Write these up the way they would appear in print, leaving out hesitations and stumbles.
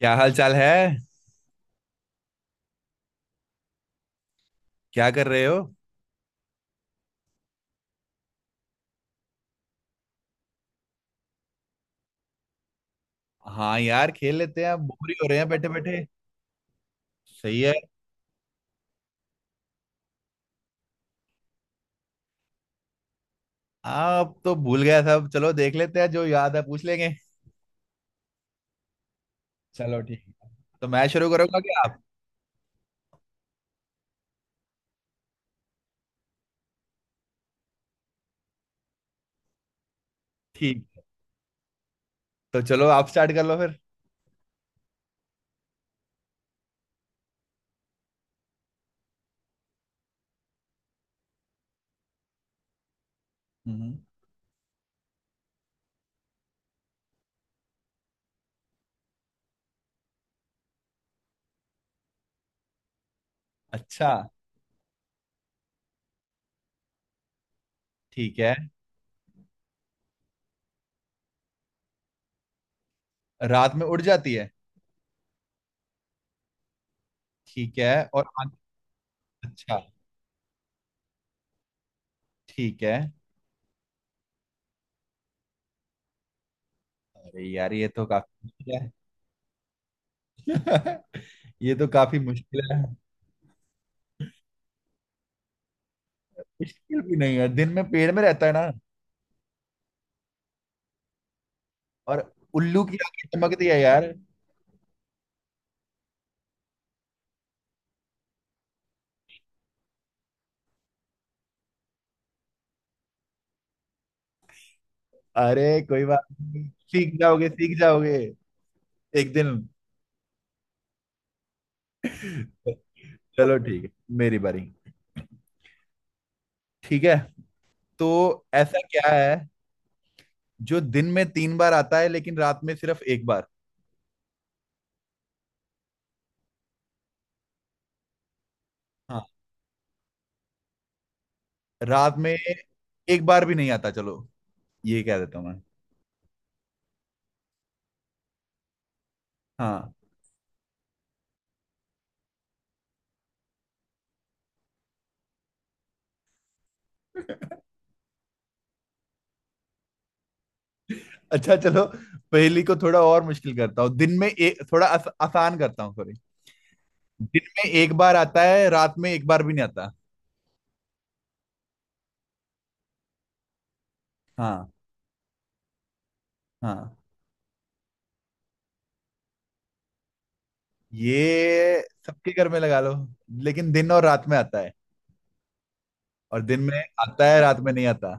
क्या हाल चाल है। क्या कर रहे हो। हाँ यार, खेल लेते हैं, बोर ही हो रहे हैं बैठे बैठे। सही है। आप तो भूल गया सब, चलो देख लेते हैं, जो याद है पूछ लेंगे। चलो ठीक है, तो मैं शुरू करूंगा क्या आप। ठीक है। तो चलो आप स्टार्ट कर लो फिर। हम्म। अच्छा। ठीक है। रात में उड़ जाती है। ठीक है और आंख- अच्छा। ठीक है। अरे यार ये तो काफी मुश्किल है। ये तो काफी मुश्किल है। मुश्किल भी नहीं है, दिन में पेड़ में रहता है ना और उल्लू की आंखें चमकती है यार। अरे कोई बात नहीं, सीख जाओगे सीख जाओगे एक दिन। चलो ठीक है, मेरी बारी। ठीक है तो ऐसा क्या है जो दिन में तीन बार आता है लेकिन रात में सिर्फ एक बार। हाँ, रात में एक बार भी नहीं आता, चलो ये कह देता हूँ मैं। हाँ। अच्छा चलो, पहेली को थोड़ा और मुश्किल करता हूँ। दिन में एक, थोड़ा आसान करता हूँ सॉरी। दिन में एक बार आता है, रात में एक बार भी नहीं आता। हाँ। हाँ, ये सबके घर में लगा लो, लेकिन दिन और रात में आता है और दिन में आता है रात में नहीं आता।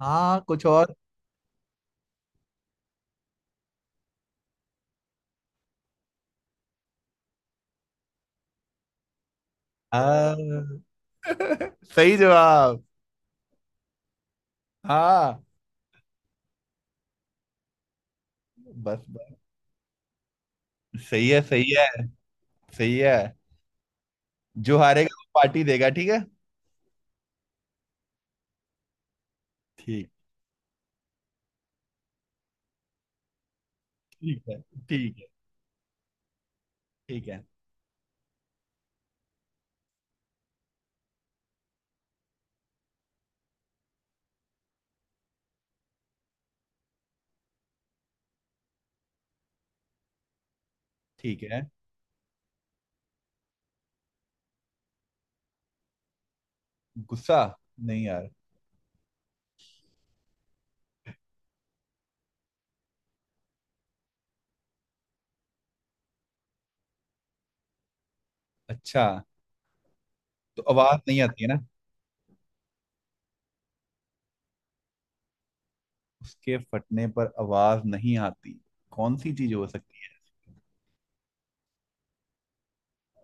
हाँ कुछ और। हाँ। सही जवाब। हाँ। बस बस। सही है सही है। सही है। जो हारेगा वो पार्टी देगा, ठीक है। ठीक। ठीक है ठीक है ठीक है ठीक है। गुस्सा। नहीं यार। अच्छा, तो आवाज नहीं आती है ना। उसके फटने पर आवाज नहीं आती। कौन सी चीज हो सकती है।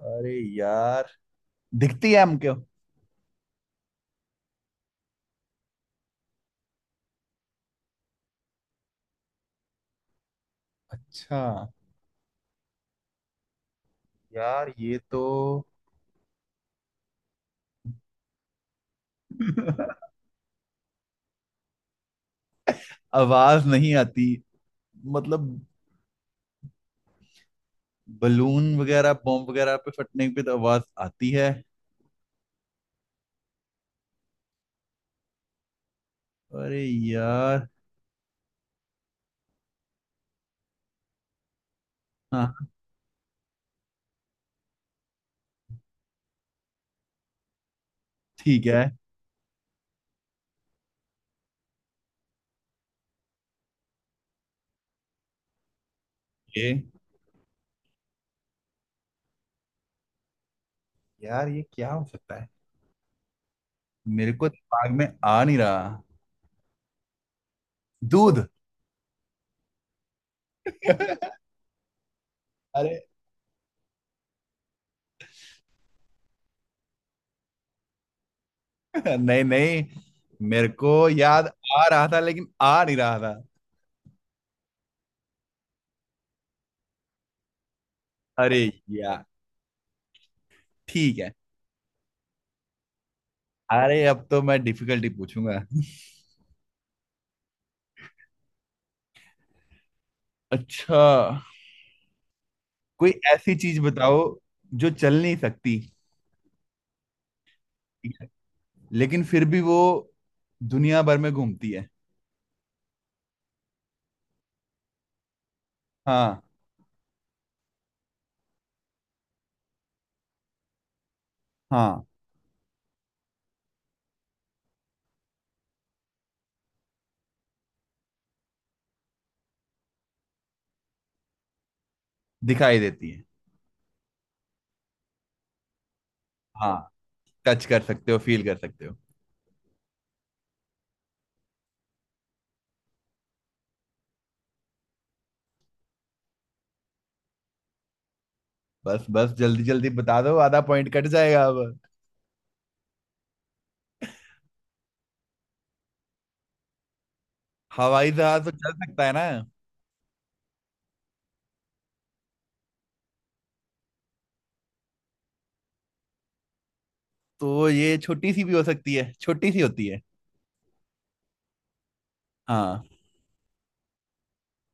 अरे यार, दिखती है हमको। अच्छा। यार ये तो। आवाज नहीं आती मतलब। बलून वगैरह बॉम्ब वगैरह पे फटने पे तो आवाज आती है। अरे यार। हाँ ठीक है। ये यार, ये क्या हो सकता है। मेरे को दिमाग में आ नहीं रहा। दूध। अरे। नहीं नहीं। मेरे को याद आ रहा था लेकिन आ नहीं रहा था। अरे यार ठीक है। अरे अब तो मैं डिफिकल्टी पूछूंगा। अच्छा, कोई ऐसी चीज बताओ जो चल नहीं सकती। ठीक है। लेकिन फिर भी वो दुनिया भर में घूमती है। हाँ। हाँ, दिखाई देती है। हाँ, टच कर सकते हो फील कर सकते हो। बस बस, जल्दी जल्दी बता दो, आधा पॉइंट कट जाएगा अब। हवाई जहाज तो चल सकता है ना। तो ये छोटी सी भी हो सकती है, छोटी सी होती है। हाँ।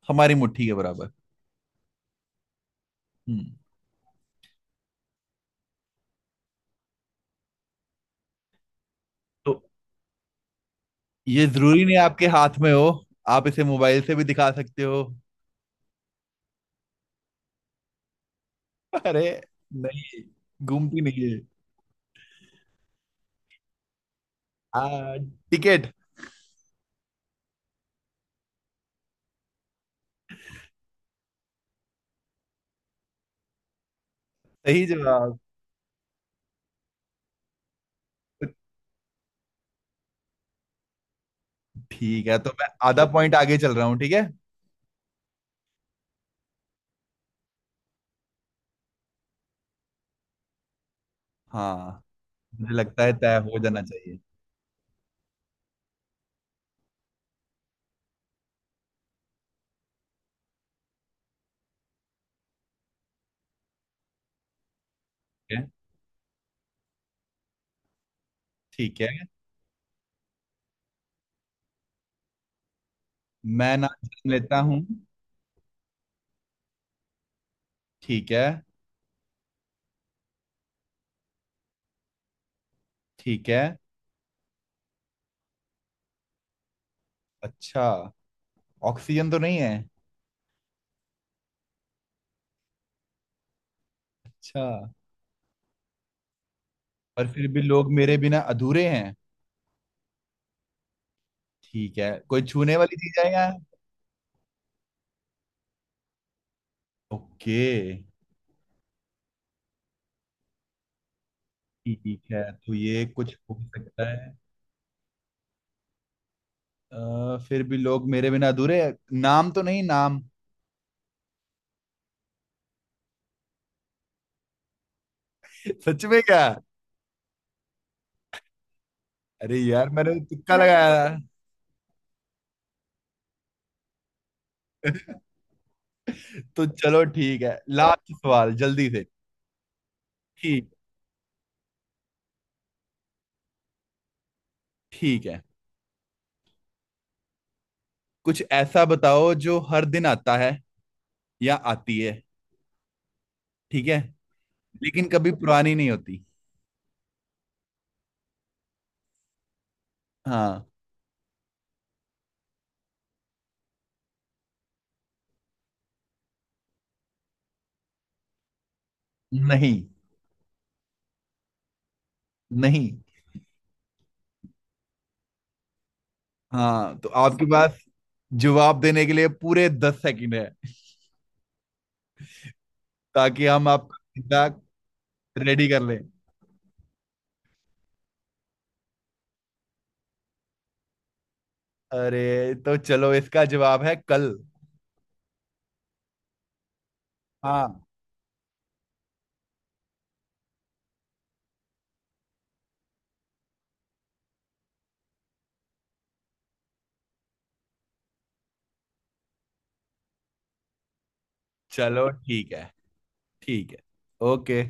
हमारी मुट्ठी के बराबर। हम्म। तो ये जरूरी नहीं आपके हाथ में हो, आप इसे मोबाइल से भी दिखा सकते हो। अरे नहीं, घूमती नहीं है। आ, टिकट। सही जवाब। ठीक है, तो मैं आधा पॉइंट आगे चल रहा हूँ ठीक है। हाँ। मुझे लगता है तय हो जाना चाहिए। ठीक है। ठीक है। मैं ना जन्म लेता हूँ। ठीक है। ठीक है। अच्छा, ऑक्सीजन तो नहीं है। अच्छा। पर फिर भी लोग मेरे बिना अधूरे हैं। ठीक है, कोई छूने वाली चीज है यहाँ। ओके। ठीक है तो ये कुछ हो सकता है। फिर भी लोग मेरे बिना अधूरे हैं। नाम तो नहीं, नाम। सच में क्या। अरे यार, मैंने तुक्का लगाया। तो चलो ठीक है, लास्ट सवाल जल्दी से। ठीक। ठीक है, कुछ ऐसा बताओ जो हर दिन आता है या आती है। ठीक है, लेकिन कभी पुरानी नहीं होती। हाँ। नहीं। नहीं। हाँ, तो आपके पास जवाब देने के लिए पूरे 10 सेकंड है, ताकि हम आपका फीडबैक रेडी कर लें। अरे तो चलो, इसका जवाब है कल। हाँ। चलो ठीक है। ठीक है। ओके।